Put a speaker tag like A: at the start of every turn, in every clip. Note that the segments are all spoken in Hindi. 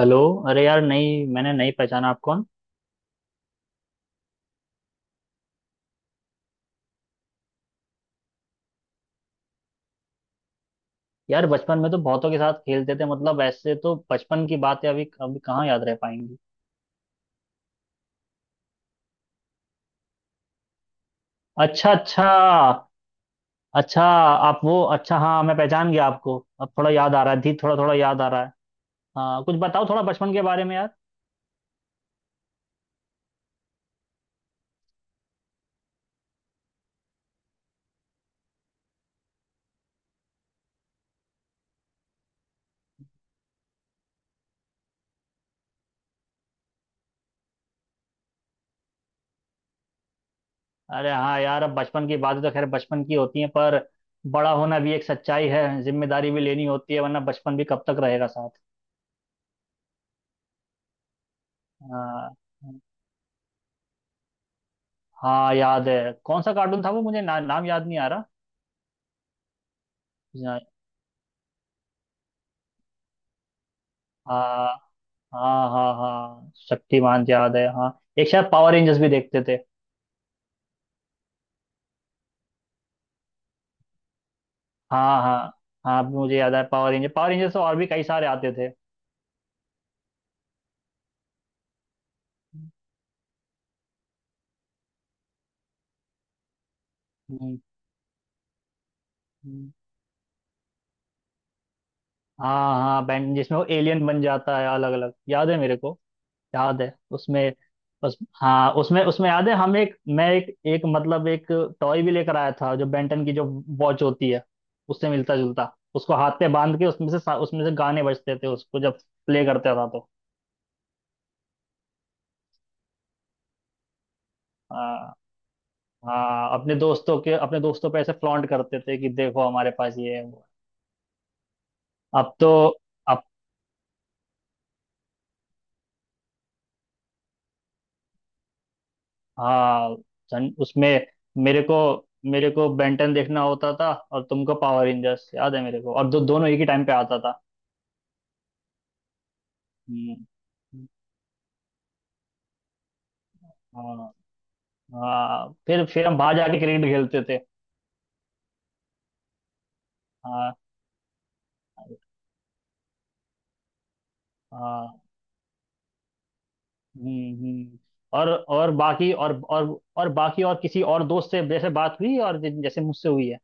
A: हेलो। अरे यार, नहीं, मैंने नहीं पहचाना। आप कौन? यार, बचपन में तो बहुतों के साथ खेलते थे। मतलब, ऐसे तो बचपन की बातें अभी अभी कहाँ याद रह पाएंगी। अच्छा, अच्छा। अच्छा, आप वो, अच्छा, हाँ, मैं पहचान गया आपको। अब थोड़ा याद आ रहा है, धीरे थोड़ा थोड़ा याद आ रहा है। हाँ, कुछ बताओ थोड़ा बचपन के बारे में यार। अरे हाँ यार, अब बचपन की बातें तो खैर बचपन की होती हैं, पर बड़ा होना भी एक सच्चाई है, जिम्मेदारी भी लेनी होती है, वरना बचपन भी कब तक रहेगा साथ। हाँ, हाँ, याद है। कौन सा कार्टून था वो? मुझे ना, नाम याद नहीं आ रहा। हाँ, हाँ, हाँ, हाँ, शक्तिमान याद है, हाँ। एक शायद पावर रेंजर्स भी देखते थे। हाँ, हाँ, हाँ, अब मुझे याद है। पावर रेंजर्स से और भी कई सारे आते थे। हम्म, हम्म। हाँ, हाँ, बैंड जिसमें वो एलियन बन जाता है अलग अलग, याद है मेरे को। याद है उसमें। उस हाँ, उसमें उसमें याद है, हम एक, मैं एक एक मतलब एक टॉय भी लेकर आया था, जो बेंटन की, जो वॉच होती है उससे मिलता जुलता, उसको हाथ पे बांध के उसमें से उसमें से गाने बजते थे, उसको जब प्ले करता था तो। हाँ। हाँ, अपने दोस्तों पे ऐसे फ्लॉन्ट करते थे कि देखो, हमारे पास ये है, वो है। अब तो, अब। हाँ, उसमें मेरे को मेरे को बेंटन देखना होता था और तुमको पावर रेंजर्स, याद है मेरे को, और दोनों एक ही टाइम पे आता था। हम्म, हाँ। हाँ, फिर हम बाहर जाके क्रिकेट खेलते थे। हाँ, हाँ, हम्म, और और बाकी और और और बाकी, और किसी और दोस्त से जैसे बात हुई और जैसे मुझसे हुई है।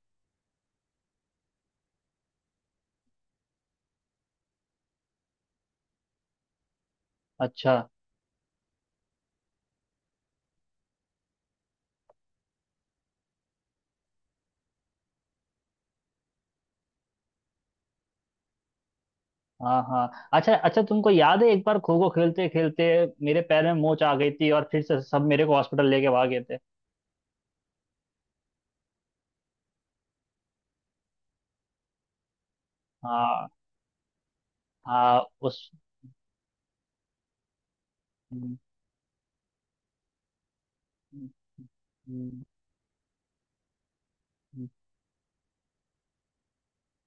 A: अच्छा, हाँ, हाँ, अच्छा, अच्छा, तुमको याद है एक बार खो खो खेलते खेलते मेरे पैर में मोच आ गई थी, और फिर से सब मेरे को हॉस्पिटल लेके भाग गए थे। हाँ, हाँ, उस हम्म, हम्म, हम्म।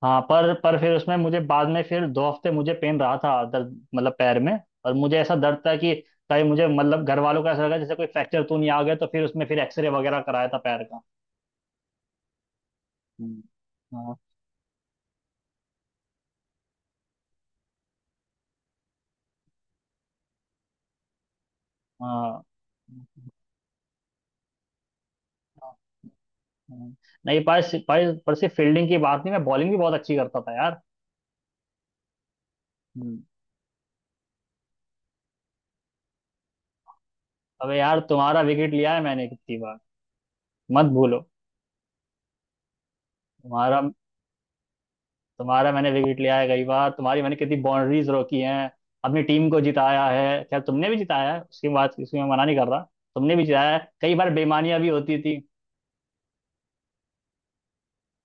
A: हाँ, पर फिर उसमें मुझे बाद में फिर 2 हफ्ते मुझे पेन रहा था, दर्द मतलब, पैर में। और मुझे ऐसा दर्द था कि कहीं मुझे मतलब घर वालों को ऐसा लगा जैसे कोई फ्रैक्चर तो नहीं आ गया, तो फिर उसमें फिर एक्सरे वगैरह कराया था पैर का। हम्म, हाँ, हाँ, हाँ, हाँ। नहीं, पर सिर्फ फील्डिंग की बात नहीं, मैं बॉलिंग भी बहुत अच्छी करता था यार। हम्म, अबे यार, तुम्हारा विकेट लिया है मैंने कितनी बार, मत भूलो। तुम्हारा तुम्हारा मैंने विकेट लिया है कई बार, तुम्हारी मैंने कितनी बाउंड्रीज रोकी हैं, अपनी टीम को जिताया है। खैर, तुमने भी जिताया है, उसकी बात इसमें मैं मना नहीं कर रहा। तुमने भी जिताया है कई बार, बेईमानियां भी होती थी।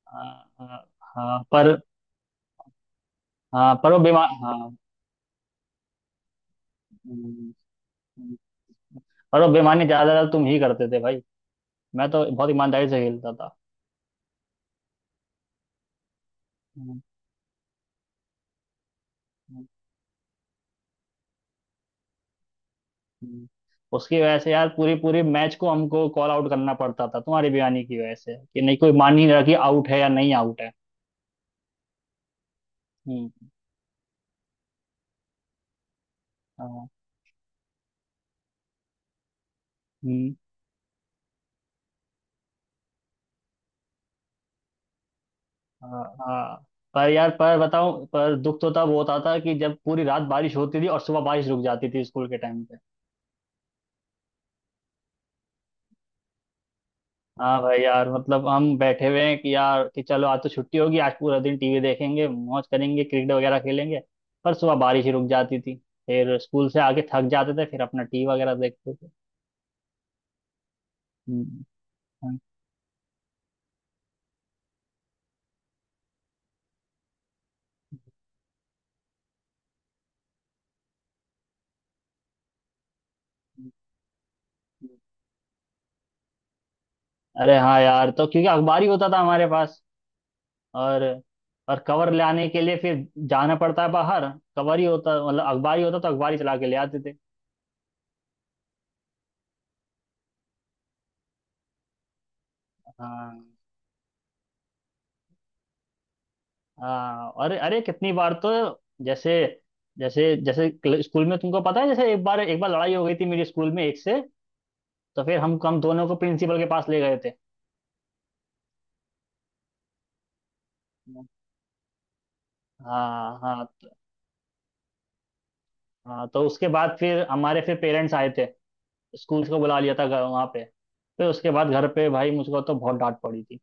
A: हाँ, हाँ, हाँ, पर, हाँ, पर वो बेमा हाँ, हम्म, हम्म। पर वो बेईमानी ज्यादातर तुम ही करते थे भाई, मैं तो बहुत ईमानदारी से खेलता था। हम्म, हम्म। उसकी वजह से यार पूरी पूरी मैच को हमको कॉल आउट करना पड़ता था, तुम्हारी बयानी की वजह से, कि नहीं कोई मान ही नहीं रहा कि आउट है या नहीं आउट है। हम्म, हाँ, हम्म, हाँ, हाँ। पर यार, पर बताऊं, पर दुख तो तब होता था कि जब पूरी रात बारिश होती थी और सुबह बारिश रुक जाती थी स्कूल के टाइम पे। हाँ भाई यार, मतलब हम बैठे हुए हैं कि यार, कि चलो आज तो छुट्टी होगी, आज पूरा दिन टीवी देखेंगे, मौज करेंगे, क्रिकेट वगैरह खेलेंगे, पर सुबह बारिश ही रुक जाती थी। फिर स्कूल से आके थक जाते थे, फिर अपना टीवी वगैरह देखते थे। हम्म, हाँ। अरे हाँ यार, तो क्योंकि अखबार ही होता था हमारे पास। और कवर लाने के लिए फिर जाना पड़ता है बाहर। कवर ही होता, मतलब अखबार ही होता, तो अखबार ही चला के ले आते थे। हाँ, हाँ, और अरे कितनी बार तो जैसे, जैसे जैसे स्कूल में तुमको पता है, जैसे एक बार लड़ाई हो गई थी मेरे स्कूल में एक से, तो फिर हम दोनों को प्रिंसिपल के पास ले गए थे। हाँ, हाँ, हाँ, तो उसके बाद फिर हमारे, फिर पेरेंट्स आए थे, स्कूल को बुला लिया था घर, वहाँ पे। फिर उसके बाद घर पे भाई मुझको तो बहुत डांट पड़ी थी।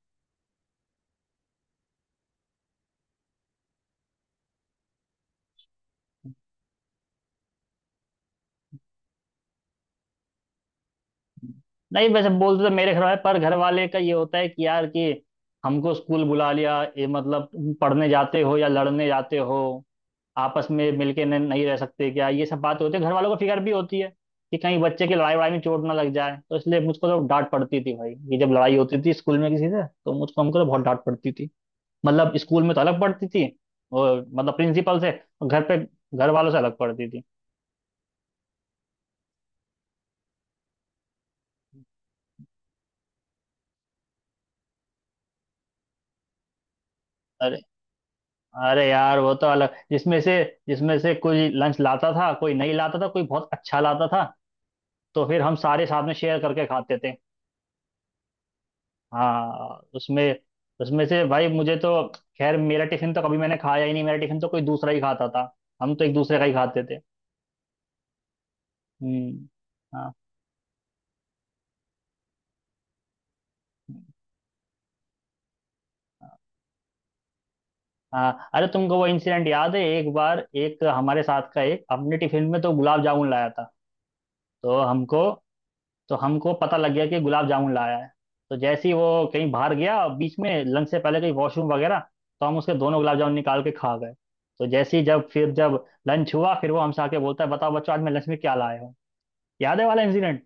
A: नहीं, वैसे बोलते तो मेरे घर वाले, पर घर वाले का ये होता है कि यार, कि हमको स्कूल बुला लिया, ये मतलब तुम पढ़ने जाते हो या लड़ने जाते हो? आपस में मिलके नहीं रह सकते क्या? ये सब बात होती है, घर वालों को फिक्र भी होती है कि कहीं बच्चे की लड़ाई वड़ाई में चोट ना लग जाए, तो इसलिए मुझको तो डांट पड़ती थी भाई ये, जब लड़ाई होती थी स्कूल में किसी से, तो मुझको हमको तो बहुत डांट पड़ती थी। मतलब, स्कूल में तो अलग पढ़ती थी, और मतलब प्रिंसिपल से, और घर पे घर वालों से अलग पढ़ती थी। अरे, अरे यार वो तो अलग, जिसमें से कोई लंच लाता था, कोई नहीं लाता था, कोई बहुत अच्छा लाता था, तो फिर हम सारे साथ में शेयर करके खाते थे। हाँ, उसमें उसमें से भाई मुझे तो, खैर मेरा टिफिन तो कभी मैंने खाया ही नहीं, मेरा टिफिन तो कोई दूसरा ही खाता था। हम तो एक दूसरे का ही खाते थे। हम्म, हाँ, हाँ, अरे तुमको वो इंसिडेंट याद है? एक बार एक हमारे साथ का एक अपने टिफिन में तो गुलाब जामुन लाया था। तो हमको तो हमको पता लग गया कि गुलाब जामुन लाया है। तो जैसे ही वो कहीं बाहर गया, और बीच में लंच से पहले कहीं वॉशरूम वगैरह, तो हम उसके दोनों गुलाब जामुन निकाल के खा गए। तो जैसे ही जब फिर जब लंच हुआ, फिर वो हमसे आके बोलता है, बताओ बच्चों, आज मैं लंच में क्या लाया हूँ? याद है वाला इंसिडेंट?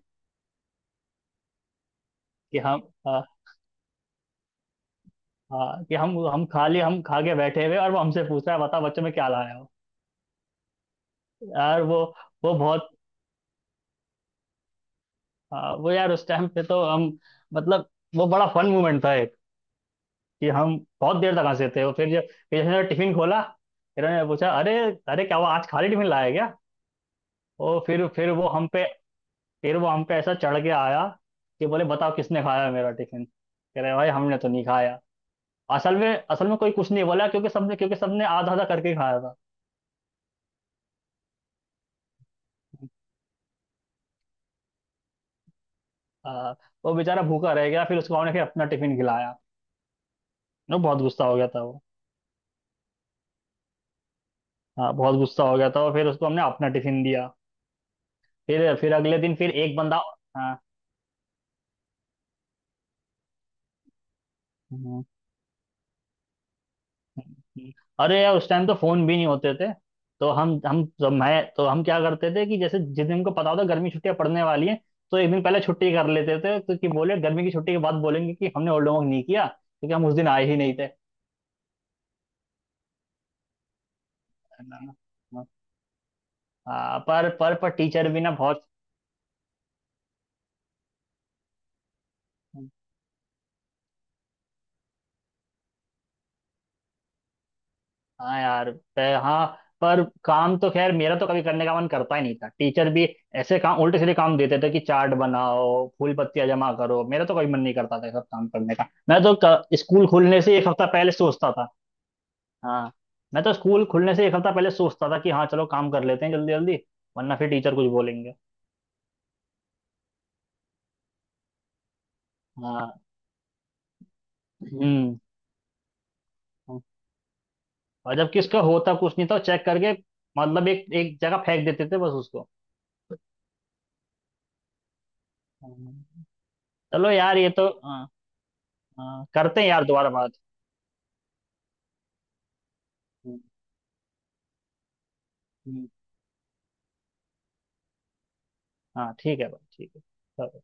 A: कि हम आ, आ, कि हम खा लिए, हम खा के बैठे हुए और वो हमसे पूछ रहा है, बताओ बच्चों में क्या लाया हो। यार वो, बहुत, वो यार, उस टाइम पे तो हम, मतलब, वो बड़ा फन मोमेंट था कि हम बहुत देर तक हंसे थे। और फिर जब, फिर जैसे टिफिन खोला, इन्होंने पूछा, अरे, अरे क्या वो आज खाली टिफिन लाया क्या? और फिर वो हम पे ऐसा चढ़ के आया कि बोले, बताओ किसने खाया मेरा टिफिन? कह रहे, भाई हमने तो नहीं खाया। असल में कोई कुछ नहीं बोला क्योंकि सबने, क्योंकि सबने आधा आधा करके खाया था। हाँ, वो बेचारा भूखा रह गया, फिर उसको हमने फिर अपना टिफिन खिलाया। वो बहुत गुस्सा हो गया था वो। हाँ, बहुत गुस्सा हो गया था, और फिर उसको हमने अपना टिफिन दिया। फिर अगले दिन फिर एक बंदा। हाँ, हम्म। अरे यार, उस टाइम तो फोन भी नहीं होते थे। तो हम जब मैं तो हम क्या करते थे, कि जैसे जिस दिन हमको पता होता गर्मी छुट्टियां पड़ने वाली हैं, तो एक दिन पहले छुट्टी कर लेते थे, तो कि बोले गर्मी की छुट्टी के बाद बोलेंगे कि हमने ओल्ड होमवर्क नहीं किया, क्योंकि हम उस दिन आए ही नहीं थे, है ना? हाँ, पर टीचर भी ना बहुत, हाँ यार, हाँ, पर काम तो खैर मेरा तो कभी करने का मन करता ही नहीं था। टीचर भी ऐसे काम, उल्टे सीधे काम देते थे कि चार्ट बनाओ, फूल पत्तियां जमा करो। मेरा तो कभी मन नहीं करता था ये सब काम करने का, मैं तो स्कूल खुलने से एक हफ्ता पहले सोचता था। हाँ, मैं तो स्कूल खुलने से एक हफ्ता पहले सोचता था कि हाँ चलो, काम कर लेते हैं जल्दी जल्दी, वरना फिर टीचर कुछ बोलेंगे। हाँ, हम्म। और जबकि उसका होता कुछ नहीं था चेक करके, मतलब एक एक जगह फेंक देते थे बस उसको। हाँ। चलो यार, ये तो, हाँ, हाँ, करते हैं यार दोबारा बात। हम्म, हाँ, ठीक है भाई, ठीक है, चलो।